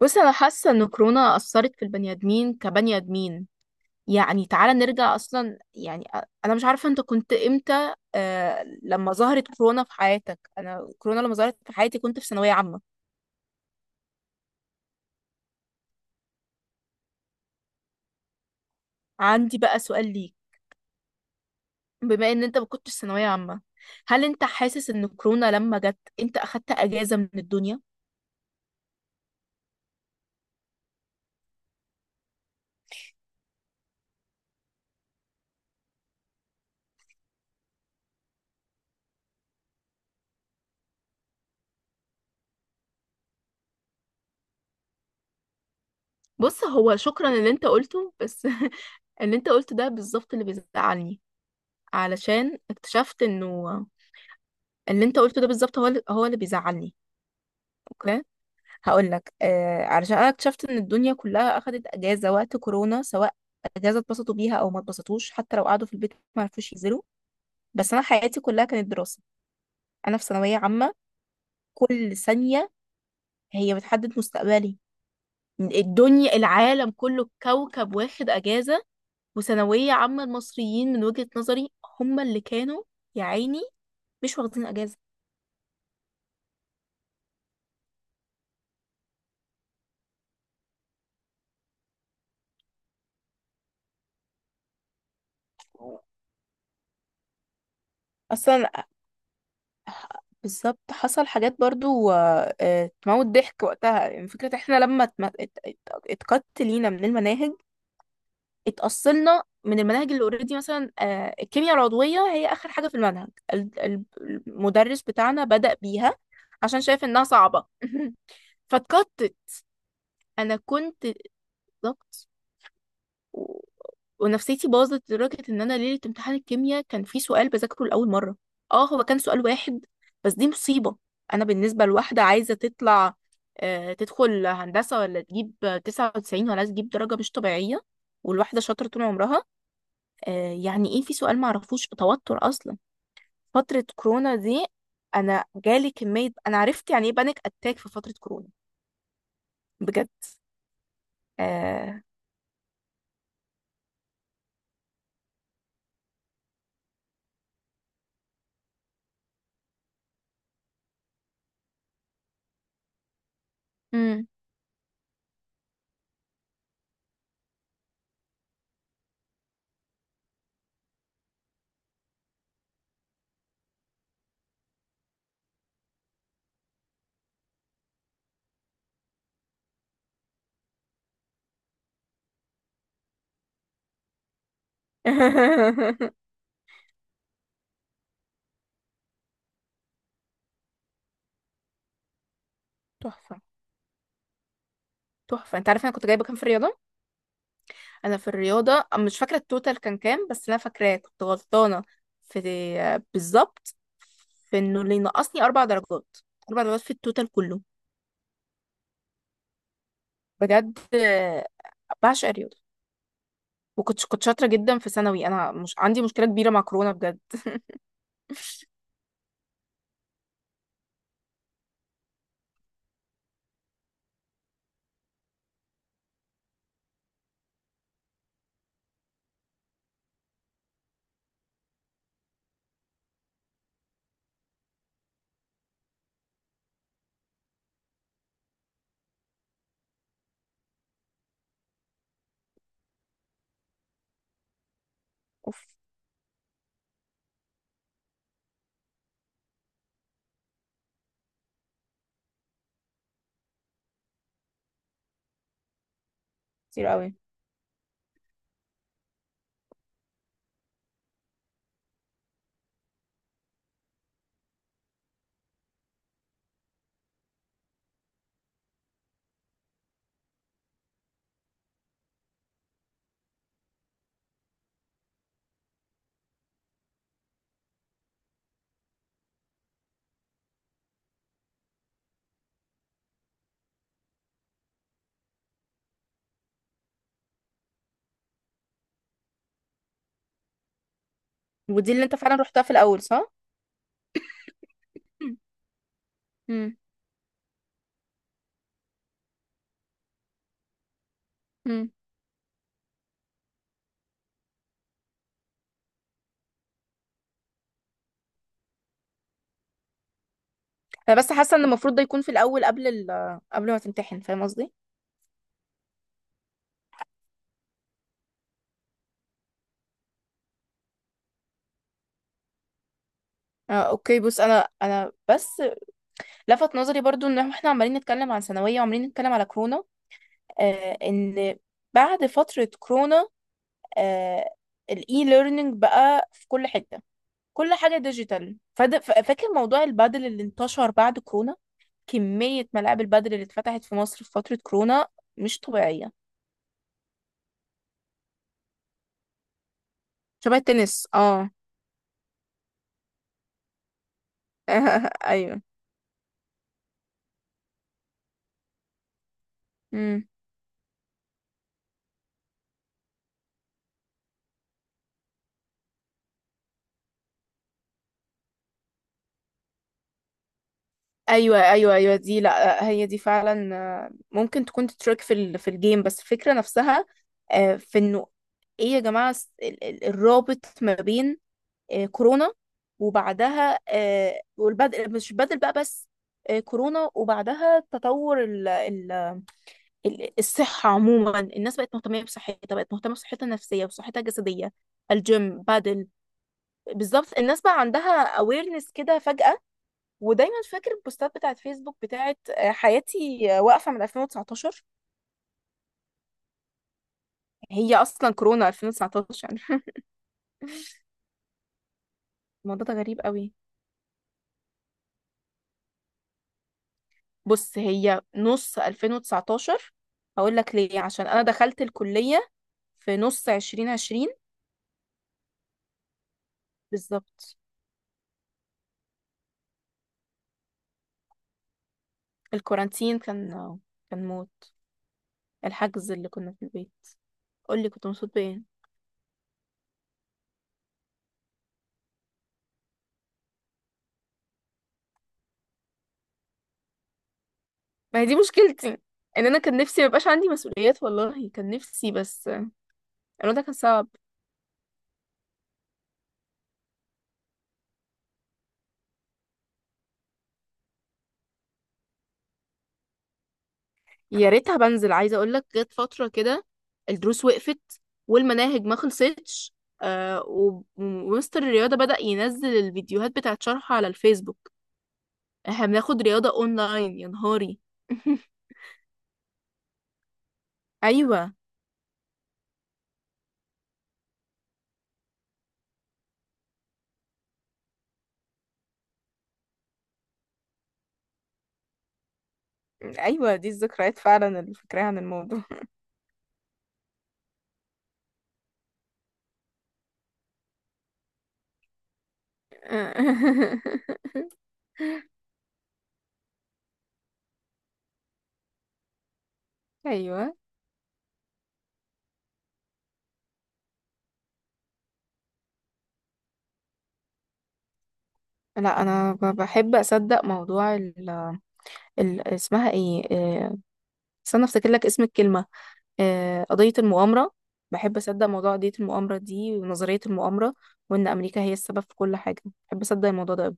بص، انا حاسه ان كورونا اثرت في البني ادمين كبني ادمين. يعني تعالى نرجع اصلا، يعني انا مش عارفه انت كنت امتى. لما ظهرت كورونا في حياتك؟ انا كورونا لما ظهرت في حياتي كنت في ثانويه عامه. عندي بقى سؤال ليك: بما ان انت ما كنتش ثانويه عامه، هل انت حاسس ان كورونا لما جت انت اخدت اجازه من الدنيا؟ بص، هو شكرا اللي انت قلته، بس اللي انت قلته ده بالظبط اللي بيزعلني. علشان اكتشفت انه اللي انت قلته ده بالظبط هو هو اللي بيزعلني. اوكي، هقول لك. علشان انا اكتشفت ان الدنيا كلها اخدت اجازه وقت كورونا، سواء اجازه اتبسطوا بيها او ما اتبسطوش، حتى لو قعدوا في البيت ما عرفوش ينزلوا. بس انا حياتي كلها كانت دراسه. انا في ثانويه عامه، كل ثانيه هي بتحدد مستقبلي. الدنيا، العالم كله كوكب واخد اجازه، وثانويه عامه المصريين من وجهه نظري هم اللي كانوا، يا عيني، مش واخدين اجازه. اصلا بالظبط حصل حاجات برضو. تموت ضحك وقتها. يعني فكرة احنا لما اتقت لينا من المناهج، اتأصلنا من المناهج اللي اوريدي. مثلا الكيمياء العضوية هي آخر حاجة في المنهج. المدرس بتاعنا بدأ بيها عشان شايف إنها صعبة. فاتقطت. أنا كنت ضغط و... ونفسيتي باظت لدرجة ان انا ليلة امتحان الكيمياء كان في سؤال بذاكره لأول مرة. اه هو كان سؤال واحد، بس دي مصيبة. انا بالنسبة لواحدة عايزة تطلع، تدخل هندسة، ولا تجيب 99، ولا تجيب درجة مش طبيعية، والواحدة شاطرة طول عمرها. يعني ايه في سؤال معرفوش؟ توتر اصلا فترة كورونا دي. انا جالي كمية، انا عرفت يعني ايه بانيك اتاك في فترة كورونا. بجد. آه. مم. تحفة، تحفة. انت عارفة انا كنت جايبة كام في الرياضة؟ انا في الرياضة مش فاكرة التوتال كان كام، بس انا فاكراه كنت غلطانة في، بالظبط، في انه اللي نقصني اربع درجات. اربع درجات في التوتال كله، بجد. بعشق الرياضة. وكنت شاطرة جدا في ثانوي. انا مش عندي مشكلة كبيرة مع كورونا بجد. كتير قوي. ودي اللي انت فعلا رحتها في الاول، صح؟ مم. مم. مم. انا بس حاسة ان المفروض ده يكون في الاول، قبل قبل ما تمتحن. فاهم قصدي؟ اوكي. بص، انا بس لفت نظري برضو ان احنا عمالين نتكلم عن ثانوية وعمالين نتكلم على كورونا. ان بعد فترة كورونا، آه الاي ليرنينج بقى في كل حتة، كل حاجة ديجيتال. فاكر موضوع البادل اللي انتشر بعد كورونا؟ كمية ملاعب البادل اللي اتفتحت في مصر في فترة كورونا مش طبيعية. شبه التنس، اه. ايوه، ايوه، ايوه، ايوه، دي لا هي دي فعلا. ممكن تكون تترك في الجيم، بس الفكره نفسها. في انه ايه يا جماعه، الرابط ما بين كورونا وبعدها، والبدء مش بدل بقى، بس كورونا وبعدها تطور الصحه عموما. الناس بقت مهتمه بصحتها النفسيه وصحتها الجسديه. الجيم، بادل. بالظبط، الناس بقى عندها awareness كده فجأة. ودايما فاكر البوستات بتاعت فيسبوك بتاعت حياتي واقفة من 2019. هي أصلا كورونا 2019. الموضوع ده غريب قوي. بص، هي نص 2019. هقول لك ليه: عشان أنا دخلت الكلية في نص 2020. بالظبط. الكورانتين كان، كان موت. الحجز اللي كنا في البيت. قول لي كنت مبسوط بإيه؟ ما هي دي مشكلتي، ان انا كان نفسي ميبقاش عندي مسؤوليات، والله كان نفسي، بس الموضوع ده كان صعب. يا ريتها. بنزل عايزه اقول لك جت فتره كده الدروس وقفت والمناهج ما خلصتش. ومستر الرياضه بدأ ينزل الفيديوهات بتاعت شرح على الفيسبوك. احنا بناخد رياضه اونلاين، يا نهاري! ايوه، ايوه، دي الذكريات فعلا اللي فاكراها عن الموضوع. ايوه، لا. انا بحب اصدق موضوع اسمها ايه؟ استنى افتكر لك اسم الكلمة. قضية المؤامرة. بحب أصدق موضوع قضية المؤامرة دي ونظرية المؤامرة، وإن أمريكا هي السبب في كل حاجة. بحب أصدق الموضوع ده أوي.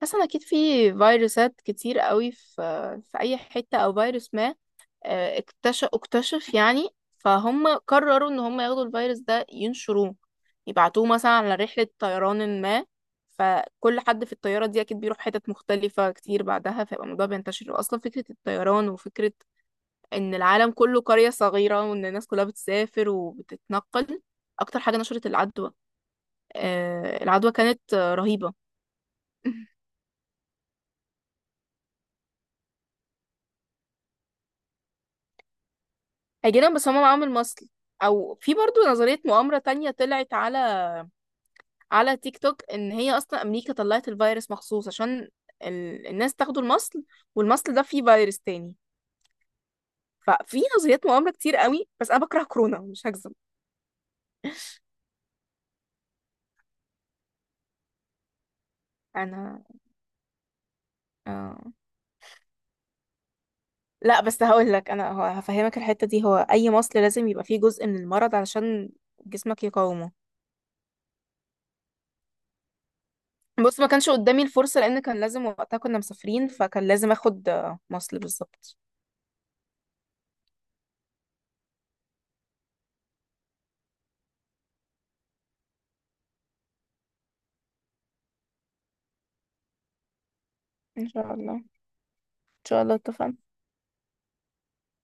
حاسة أكيد في فيروسات كتير قوي في في أي حتة، أو فيروس ما اكتشف اكتشف. يعني فهم قرروا إن هم ياخدوا الفيروس ده ينشروه، يبعتوه مثلا على رحلة طيران ما، فكل حد في الطيارة دي أكيد بيروح حتت مختلفة كتير بعدها، فيبقى الموضوع بينتشر. أصلا فكرة الطيران وفكرة ان العالم كله قرية صغيرة وان الناس كلها بتسافر وبتتنقل اكتر حاجة نشرت العدوى. العدوى كانت رهيبة. هيجينا، بس هما معاهم المصل. او في برضو نظرية مؤامرة تانية طلعت على تيك توك، ان هي اصلا امريكا طلعت الفيروس مخصوص عشان الناس تاخدوا المصل، والمصل ده فيه فيروس تاني. ففي نظريات مؤامرة كتير قوي، بس انا بكره كورونا، مش هكذب. انا. آه. لا، بس هقول لك انا. هو هفهمك الحته دي: هو اي مصل لازم يبقى فيه جزء من المرض علشان جسمك يقاومه. بص، ما كانش قدامي الفرصه، لان كان لازم، وقتها كنا مسافرين، فكان لازم اخد مصل بالظبط. ان شاء الله، ان شاء الله، اتفقنا.